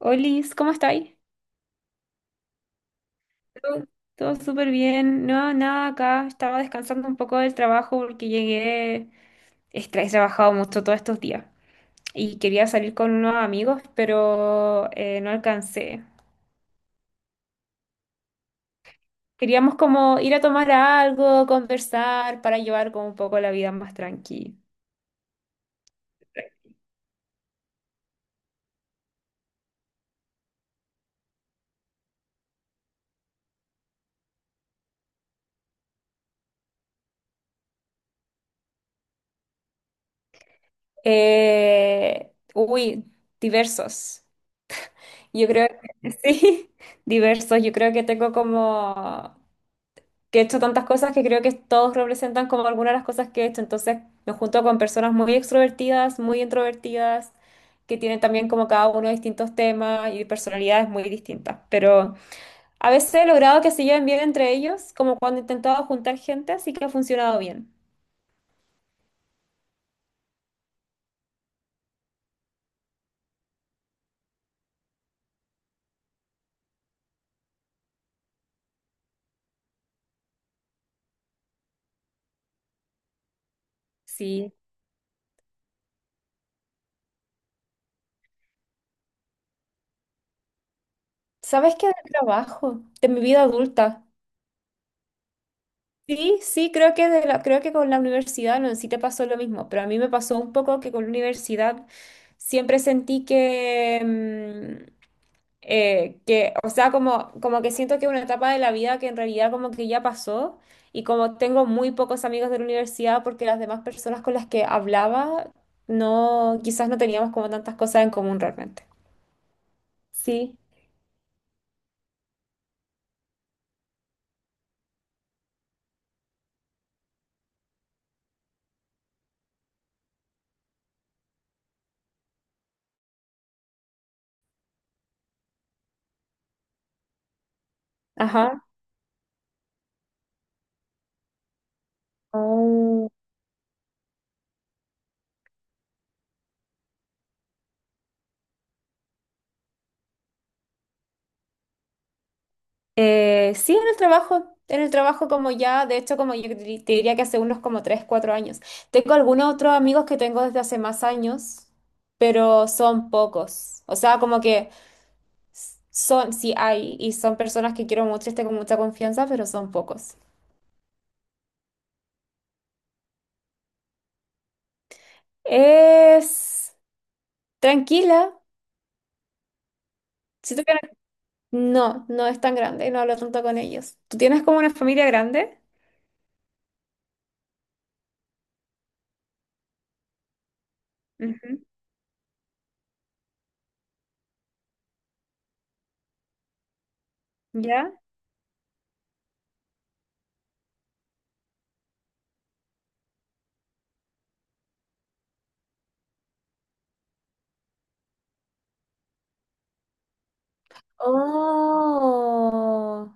Olis, ¿cómo estáis? Pero, todo súper bien. No, nada, acá estaba descansando un poco del trabajo porque llegué, he trabajado mucho todos estos días y quería salir con unos amigos, pero no alcancé. Queríamos como ir a tomar algo, conversar para llevar como un poco la vida más tranquila. Eh, uy, Diversos. Yo creo que sí, diversos. Yo creo que tengo como que he hecho tantas cosas que creo que todos representan como algunas de las cosas que he hecho. Entonces me junto con personas muy extrovertidas, muy introvertidas, que tienen también como cada uno distintos temas y personalidades muy distintas. Pero a veces he logrado que se lleven bien entre ellos, como cuando he intentado juntar gente, así que ha funcionado bien. Sí. ¿Sabes qué? Del trabajo, de mi vida adulta. Sí, sí, creo que, creo que con la universidad no, sí te pasó lo mismo, pero a mí me pasó un poco que con la universidad siempre sentí que, que o sea, como, como que siento que es una etapa de la vida que en realidad como que ya pasó y como tengo muy pocos amigos de la universidad porque las demás personas con las que hablaba no, quizás no teníamos como tantas cosas en común realmente. Sí, ajá. Sí, en el trabajo como ya, de hecho como yo te diría que hace unos como 3 4 años. Tengo algunos otros amigos que tengo desde hace más años, pero son pocos. O sea, como que son, sí hay, y son personas que quiero mucho y tengo mucha confianza, pero son pocos. Es tranquila. Siento que no es tan grande y no hablo tanto con ellos. ¿Tú tienes como una familia grande? Ujú. ¿Ya? Oh.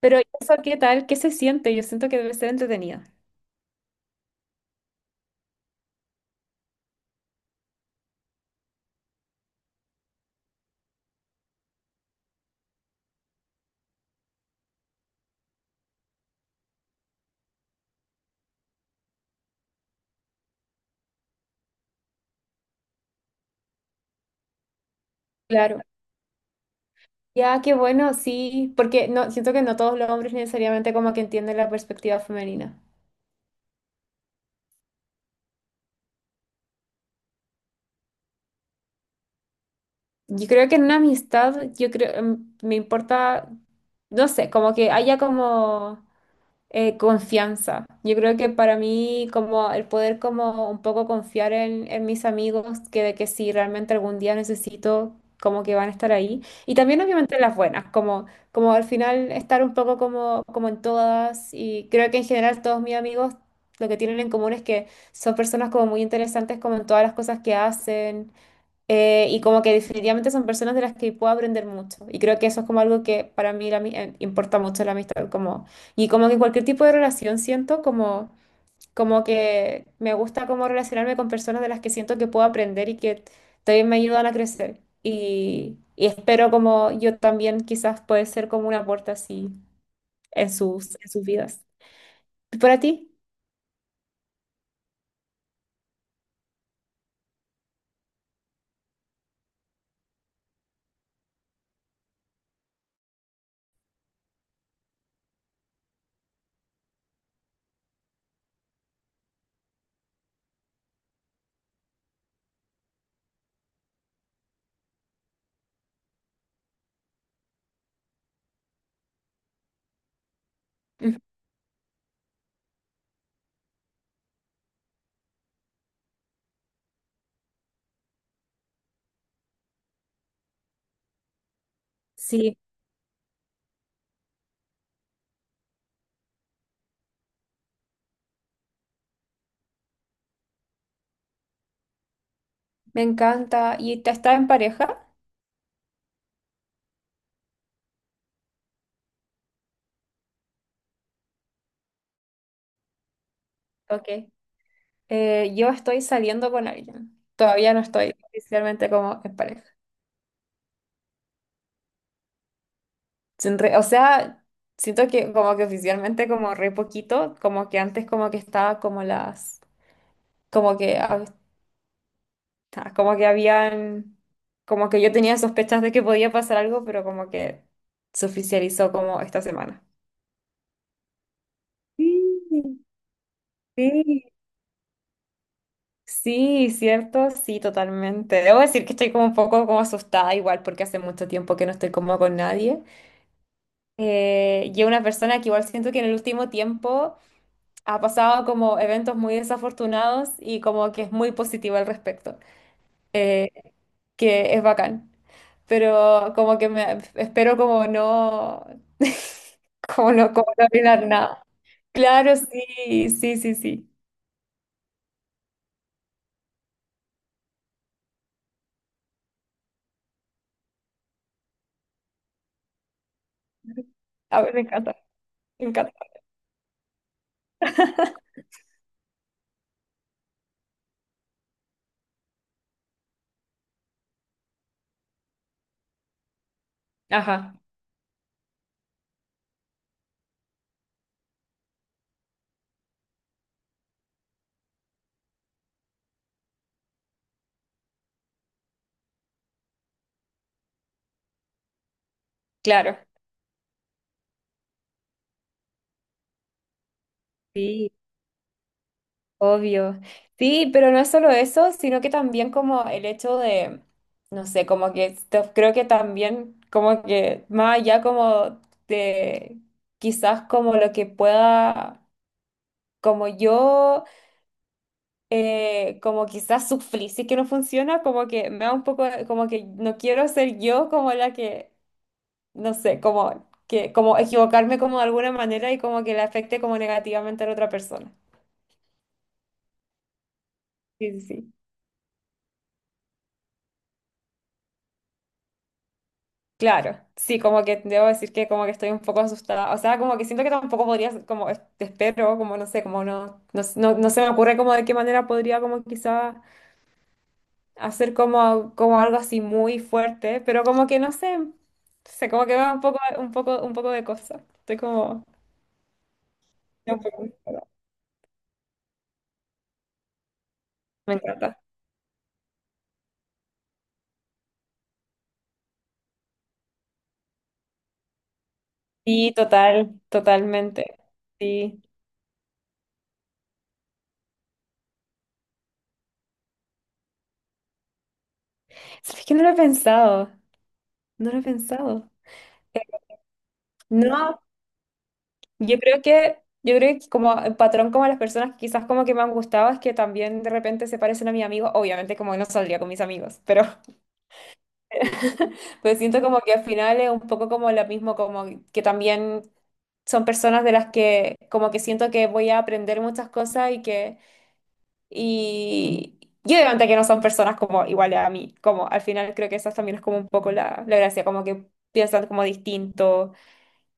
Pero eso, ¿qué tal? ¿Qué se siente? Yo siento que debe ser entretenido. Claro. Ya, qué bueno, sí, porque no, siento que no todos los hombres necesariamente como que entienden la perspectiva femenina. Yo creo que en una amistad, yo creo, me importa, no sé, como que haya como... confianza. Yo creo que para mí como el poder como un poco confiar en mis amigos, que de que si realmente algún día necesito, como que van a estar ahí. Y también obviamente las buenas, como, como al final estar un poco como, como en todas. Y creo que en general todos mis amigos lo que tienen en común es que son personas como muy interesantes como en todas las cosas que hacen. Y como que definitivamente son personas de las que puedo aprender mucho. Y creo que eso es como algo que para mí la importa mucho la amistad. Como, y como que en cualquier tipo de relación siento como, como que me gusta como relacionarme con personas de las que siento que puedo aprender y que también me ayudan a crecer. Y espero como yo también quizás puede ser como un aporte así en sus vidas. ¿Y para ti? Ujú. Sí, me encanta. ¿Y te estás en pareja? Ok. Yo estoy saliendo con alguien. Todavía no estoy oficialmente como en pareja. Sin re- O sea, siento que como que oficialmente como re poquito, como que antes como que estaba como las, como que, como que habían, como que yo tenía sospechas de que podía pasar algo, pero como que se oficializó como esta semana. Sí, sí, sí, cierto, sí, totalmente. Debo decir que estoy como un poco como asustada igual porque hace mucho tiempo que no estoy como con nadie. Yo una persona que igual siento que en el último tiempo ha pasado como eventos muy desafortunados y como que es muy positiva al respecto, eh, que es bacán, pero como que me espero como no, como no arruinar nada. Claro, sí, sí, sí, sí. A ver, me encanta, me encanta. Ajá, claro. Sí, obvio. Sí, pero no es solo eso, sino que también como el hecho de, no sé, como que creo que también como que más allá como de quizás como lo que pueda, como yo, como quizás sufrí, si es que no funciona, como que me da un poco, como que no quiero ser yo como la que, no sé, como que, como equivocarme como de alguna manera y como que le afecte como negativamente a la otra persona. Sí, sí. Sí. Claro, sí, como que debo decir que como que estoy un poco asustada, o sea, como que siento que tampoco podría, como te espero, como no sé, como no, no, no, no se me ocurre como de qué manera podría como quizá hacer como, como algo así muy fuerte, pero como que no sé, no sé, como que me da un poco, un poco, un poco de cosa, estoy como, un poco- me encanta. Sí, total, totalmente, sí. ¿Sabes que no lo he pensado? No lo he pensado. Eh, No, yo creo que, yo creo que como el patrón como las personas que quizás como que me han gustado es que también de repente se parecen a mis amigos, obviamente como no saldría con mis amigos, pero, pero siento como que al final es un poco como lo mismo, como que también son personas de las que como que siento que voy a aprender muchas cosas y que, y, y obviamente que no son personas como iguales a mí, como al final creo que esa también es como un poco la, la gracia, como que piensan como distinto,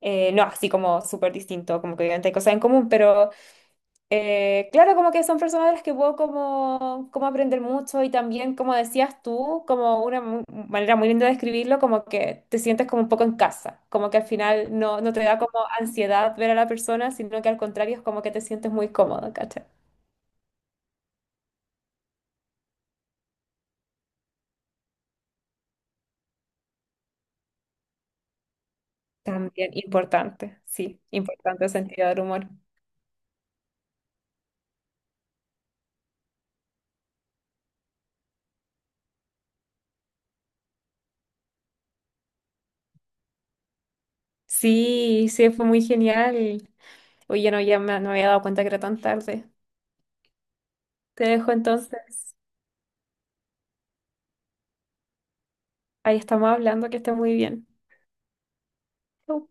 no así como súper distinto, como que obviamente hay cosas en común, pero claro, como que son personas de las que puedo como, como aprender mucho y también, como decías tú, como una manera muy linda de describirlo, como que te sientes como un poco en casa, como que al final no, no te da como ansiedad ver a la persona, sino que al contrario es como que te sientes muy cómodo, ¿cachai? También importante, sí, importante el sentido del humor. Sí, sí, fue muy genial. Oye, no, ya me, no me había dado cuenta que era tan tarde. Te dejo entonces. Ahí estamos hablando, que esté muy bien. Chau.